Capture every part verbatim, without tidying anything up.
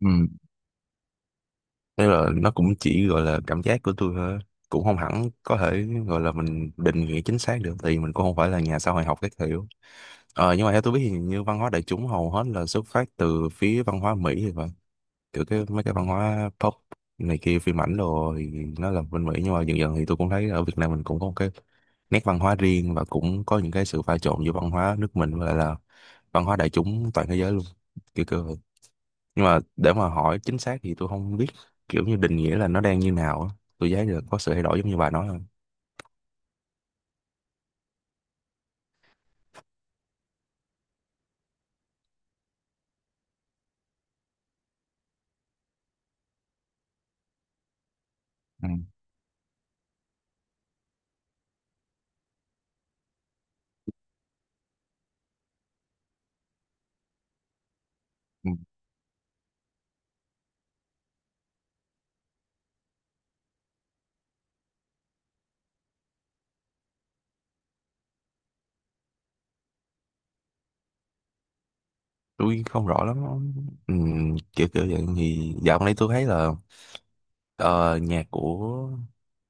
Ừ. Thế là nó cũng chỉ gọi là cảm giác của tôi thôi, cũng không hẳn có thể gọi là mình định nghĩa chính xác được, thì mình cũng không phải là nhà xã hội học các kiểu. Ờ, nhưng mà theo tôi biết thì như văn hóa đại chúng hầu hết là xuất phát từ phía văn hóa Mỹ thì phải, kiểu cái mấy cái văn hóa pop này kia, phim ảnh đồ thì nó là bên Mỹ, nhưng mà dần dần thì tôi cũng thấy ở Việt Nam mình cũng có một cái nét văn hóa riêng, và cũng có những cái sự pha trộn giữa văn hóa nước mình và lại là văn hóa đại chúng toàn thế giới luôn, kiểu kiểu vậy. Nhưng mà để mà hỏi chính xác thì tôi không biết, kiểu như định nghĩa là nó đang như nào á. Tôi giá là có sự thay đổi giống như bà nói không? Ừ. Ừ. Tôi không rõ lắm. Ừ, kiểu kiểu vậy thì dạo gần đây tôi thấy là, ờ, nhạc của,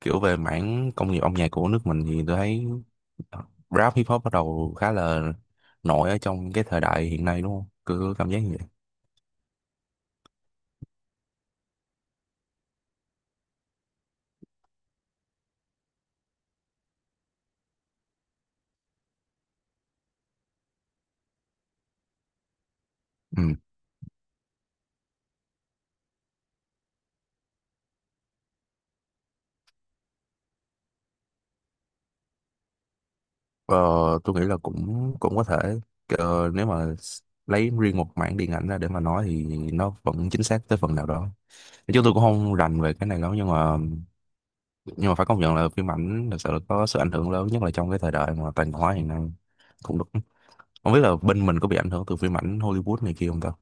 kiểu về mảng công nghiệp âm nhạc của nước mình thì tôi thấy ờ, rap hip hop bắt đầu khá là nổi ở trong cái thời đại hiện nay, đúng không, cứ cảm giác như vậy. Ừ. Ờ, tôi nghĩ là cũng cũng có thể. Ờ, nếu mà s- lấy riêng một mảng điện ảnh ra để mà nói thì nó vẫn chính xác tới phần nào đó. Chứ tôi cũng không rành về cái này lắm, nhưng mà nhưng mà phải công nhận là phim ảnh thật sự là có sự ảnh hưởng lớn, nhất là trong cái thời đại mà toàn cầu hóa hiện nay. Cũng được. Không biết là bên mình có bị ảnh hưởng từ phim ảnh Hollywood này kia không ta?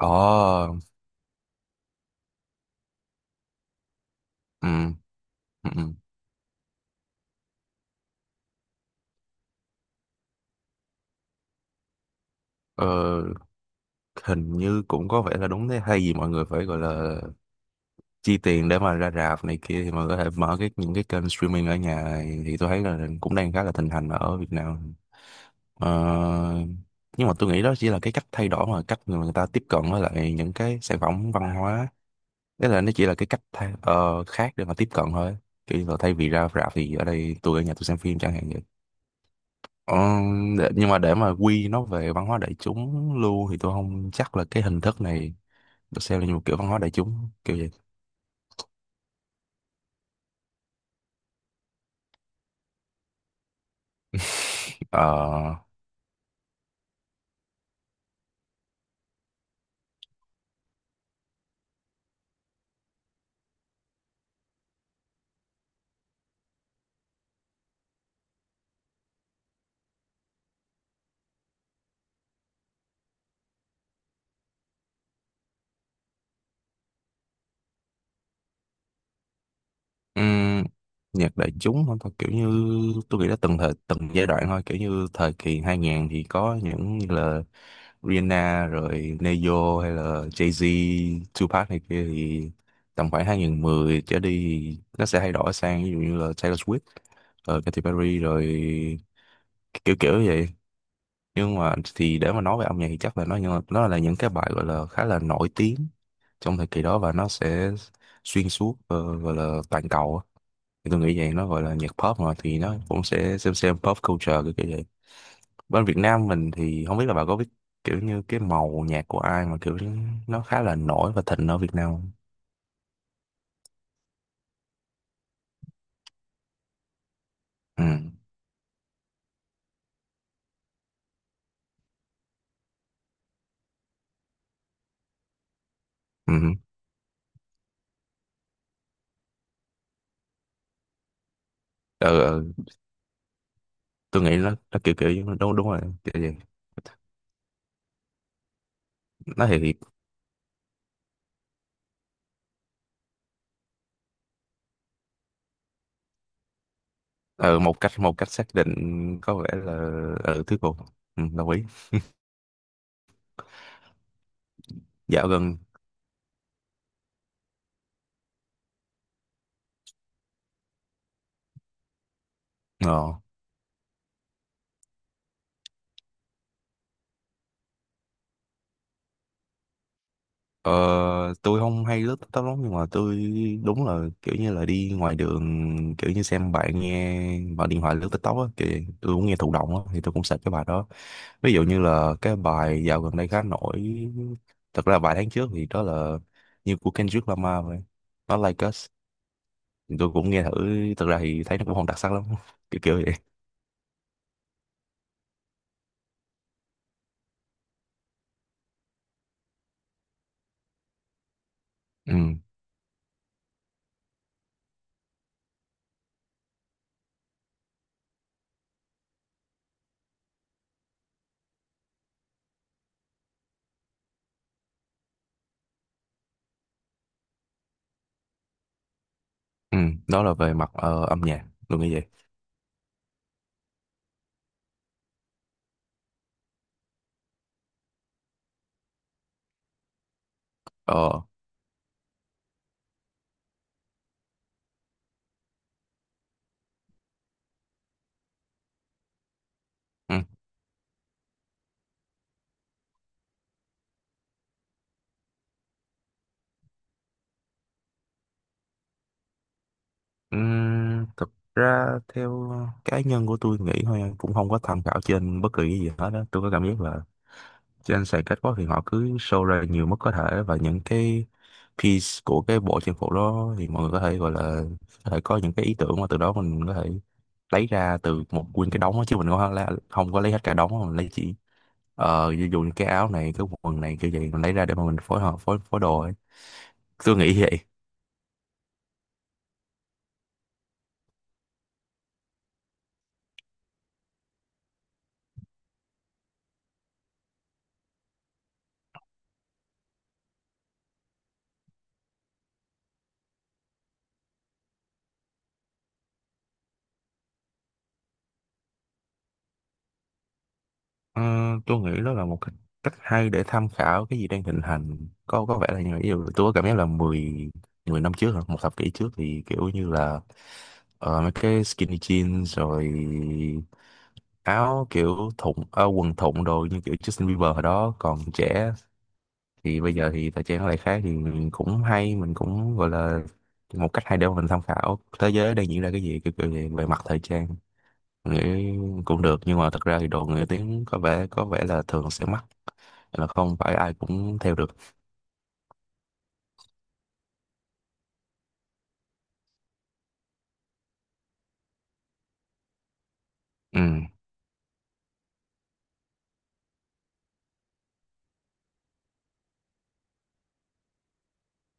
Ồ, ừ, ừ, ừ. Ờ, hình như cũng có vẻ là đúng thế hay gì, mọi người phải gọi là chi tiền để mà ra rạp này kia, thì mà có thể mở cái những cái kênh streaming ở nhà này, thì tôi thấy là cũng đang khá là thịnh hành ở Việt Nam. Ờ, nhưng mà tôi nghĩ đó chỉ là cái cách thay đổi mà cách mà người ta tiếp cận với lại những cái sản phẩm văn hóa, tức là nó chỉ là cái cách thay, ờ, khác để mà tiếp cận thôi, kiểu như là thay vì ra rạp thì ở đây tôi ở nhà tôi xem phim chẳng hạn vậy. Ờ, để- nhưng mà để mà quy nó về văn hóa đại chúng luôn thì tôi không chắc là cái hình thức này được xem là như một kiểu văn hóa đại chúng kiểu vậy. Ờ. Ừm, nhạc đại chúng không thôi, kiểu như tôi nghĩ là từng thời từng giai đoạn thôi, kiểu như thời kỳ hai không không không thì có những như là Rihanna rồi Neyo, hay là Jay-Z, Tupac này kia, thì tầm khoảng hai nghìn không trăm mười trở đi thì nó sẽ thay đổi sang ví dụ như là Taylor Swift, ờ, Katy Perry, rồi kiểu kiểu như vậy. Nhưng mà thì để mà nói về âm nhạc thì chắc là nó như- nó là những cái bài gọi là khá là nổi tiếng trong thời kỳ đó, và nó sẽ xuyên suốt, ờ, gọi là toàn cầu á, thì tôi nghĩ vậy. Nó gọi là nhạc pop mà, thì nó cũng sẽ xem xem pop culture cái kiểu vậy. Bên Việt Nam mình thì không biết là bà có biết kiểu như cái màu nhạc của ai mà kiểu nó khá là nổi và thịnh ở Việt Nam không? Ừ. Ừ. Ừ, ừ. Tôi nghĩ nó nó kiểu kiểu đúng đúng rồi kiểu vậy. Nó thì thì- ờ, một cách một cách xác định có vẻ là, ừ, thuyết phục. Ừ, đồng ý. Dạo gần ờ Ờ, tôi không hay lướt TikTok lắm, nhưng mà tôi đúng là kiểu như là đi ngoài đường, kiểu như xem bạn nghe, bạn điện thoại lướt TikTok á, thì tôi cũng nghe thụ động á, thì tôi cũng sạch cái bài đó. Ví dụ như là cái bài dạo gần đây khá nổi, thật ra vài tháng trước thì đó là như của Kendrick Lamar vậy, nó Like Us. Thì tôi cũng nghe thử, thật ra thì thấy nó cũng không đặc sắc lắm kiểu kiểu vậy. Ừ. Ừ. Đó là về mặt ờ, âm nhạc, tôi nghĩ vậy. Ờ. Ừ. Uhm, thực ra theo cá nhân của tôi nghĩ thôi, cũng không có tham khảo trên bất kỳ cái gì hết đó. Tôi có cảm giác là trên sàn catwalk thì họ cứ show ra nhiều mức có thể, và những cái piece của cái bộ trang phục đó thì mọi người có thể gọi là, có thể có những cái ý tưởng mà từ đó mình có thể lấy ra từ một nguyên cái đống đó, chứ mình không, la- không có lấy hết cả đống, mà mình lấy chỉ ờ ví dụ như cái áo này, cái quần này, kiểu vậy mình lấy ra để mà mình phối hợp phối phối đồ ấy. Tôi nghĩ vậy. Ờ, tôi nghĩ đó là một cách, cách hay để tham khảo cái gì đang thịnh hành, có có vẻ là như vậy. Ví dụ tôi có cảm giác là mười mười năm trước hả, một thập kỷ trước, thì kiểu như là ờ, mấy cái skinny jeans, rồi áo kiểu thụng, ờ, quần thụng đồ như kiểu Justin Bieber hồi đó còn trẻ. Thì bây giờ thì thời trang nó lại khác, thì mình cũng hay, mình cũng gọi là một cách hay để mà mình tham khảo thế giới đang diễn ra cái gì, kiểu kiểu về, về, mặt thời trang. Mình nghĩ cũng được, nhưng mà thật ra thì đồ người tiếng có vẻ có vẻ là thường sẽ mắc, là không phải ai cũng theo được. Ừ.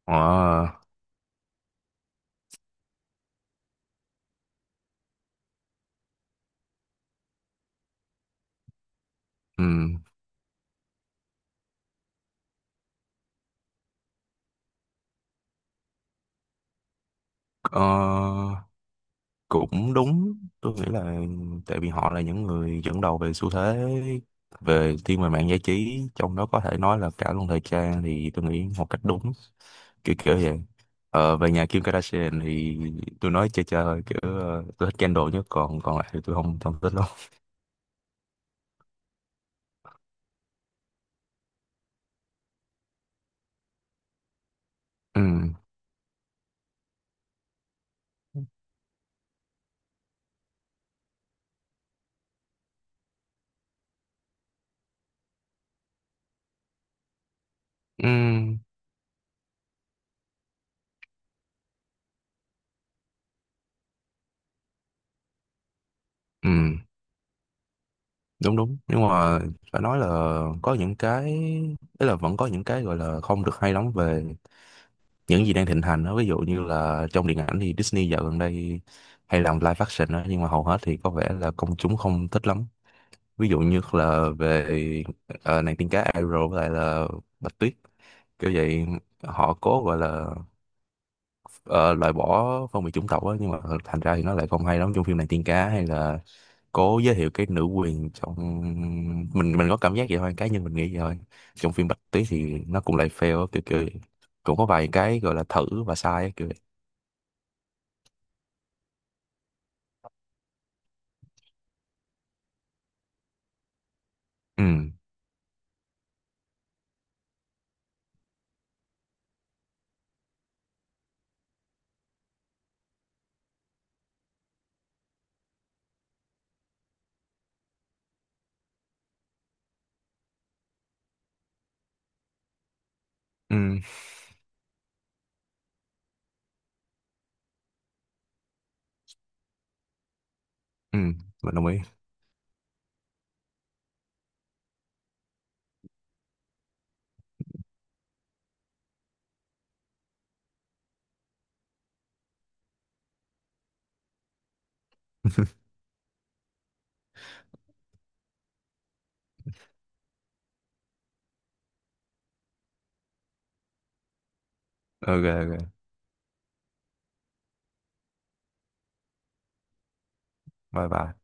Họ. Ừ. Ờ, cũng đúng, tôi nghĩ là, tại vì họ là những người dẫn đầu về xu thế, về thiên về mạng giải trí, trong đó có thể nói là cả luôn thời trang, thì tôi nghĩ một cách đúng, kiểu kiểu vậy. Ờ, về nhà Kim Kardashian thì tôi nói chơi chơi thôi kiểu, ờ, tôi thích Kendall nhất, còn còn lại thì tôi không không thích lắm. Ừ. Ừ. Ừ, đúng đúng, nhưng mà phải nói là có những cái ấy, là vẫn có những cái gọi là không được hay lắm về những gì đang thịnh hành đó. Ví dụ như là trong điện ảnh thì Disney dạo gần đây hay làm live action đó, nhưng mà hầu hết thì có vẻ là công chúng không thích lắm. Ví dụ như là về ờ, nàng tiên cá Ariel, với lại là Bạch Tuyết, kiểu vậy. Họ cố gọi là ờ, loại bỏ phân biệt chủng tộc á, nhưng mà thành ra thì nó lại không hay lắm trong phim nàng tiên cá, hay là cố giới thiệu cái nữ quyền trong, mình mình có cảm giác vậy thôi, cá nhân mình nghĩ vậy thôi, trong phim Bạch Tuyết, thì nó cũng lại fail á, kiểu kiểu vậy. Cũng có vài cái gọi là thử và sai á, kiểu vậy. Ừ. Ừ. Ừ, mình đồng ý. Ok, ok. Bye bye.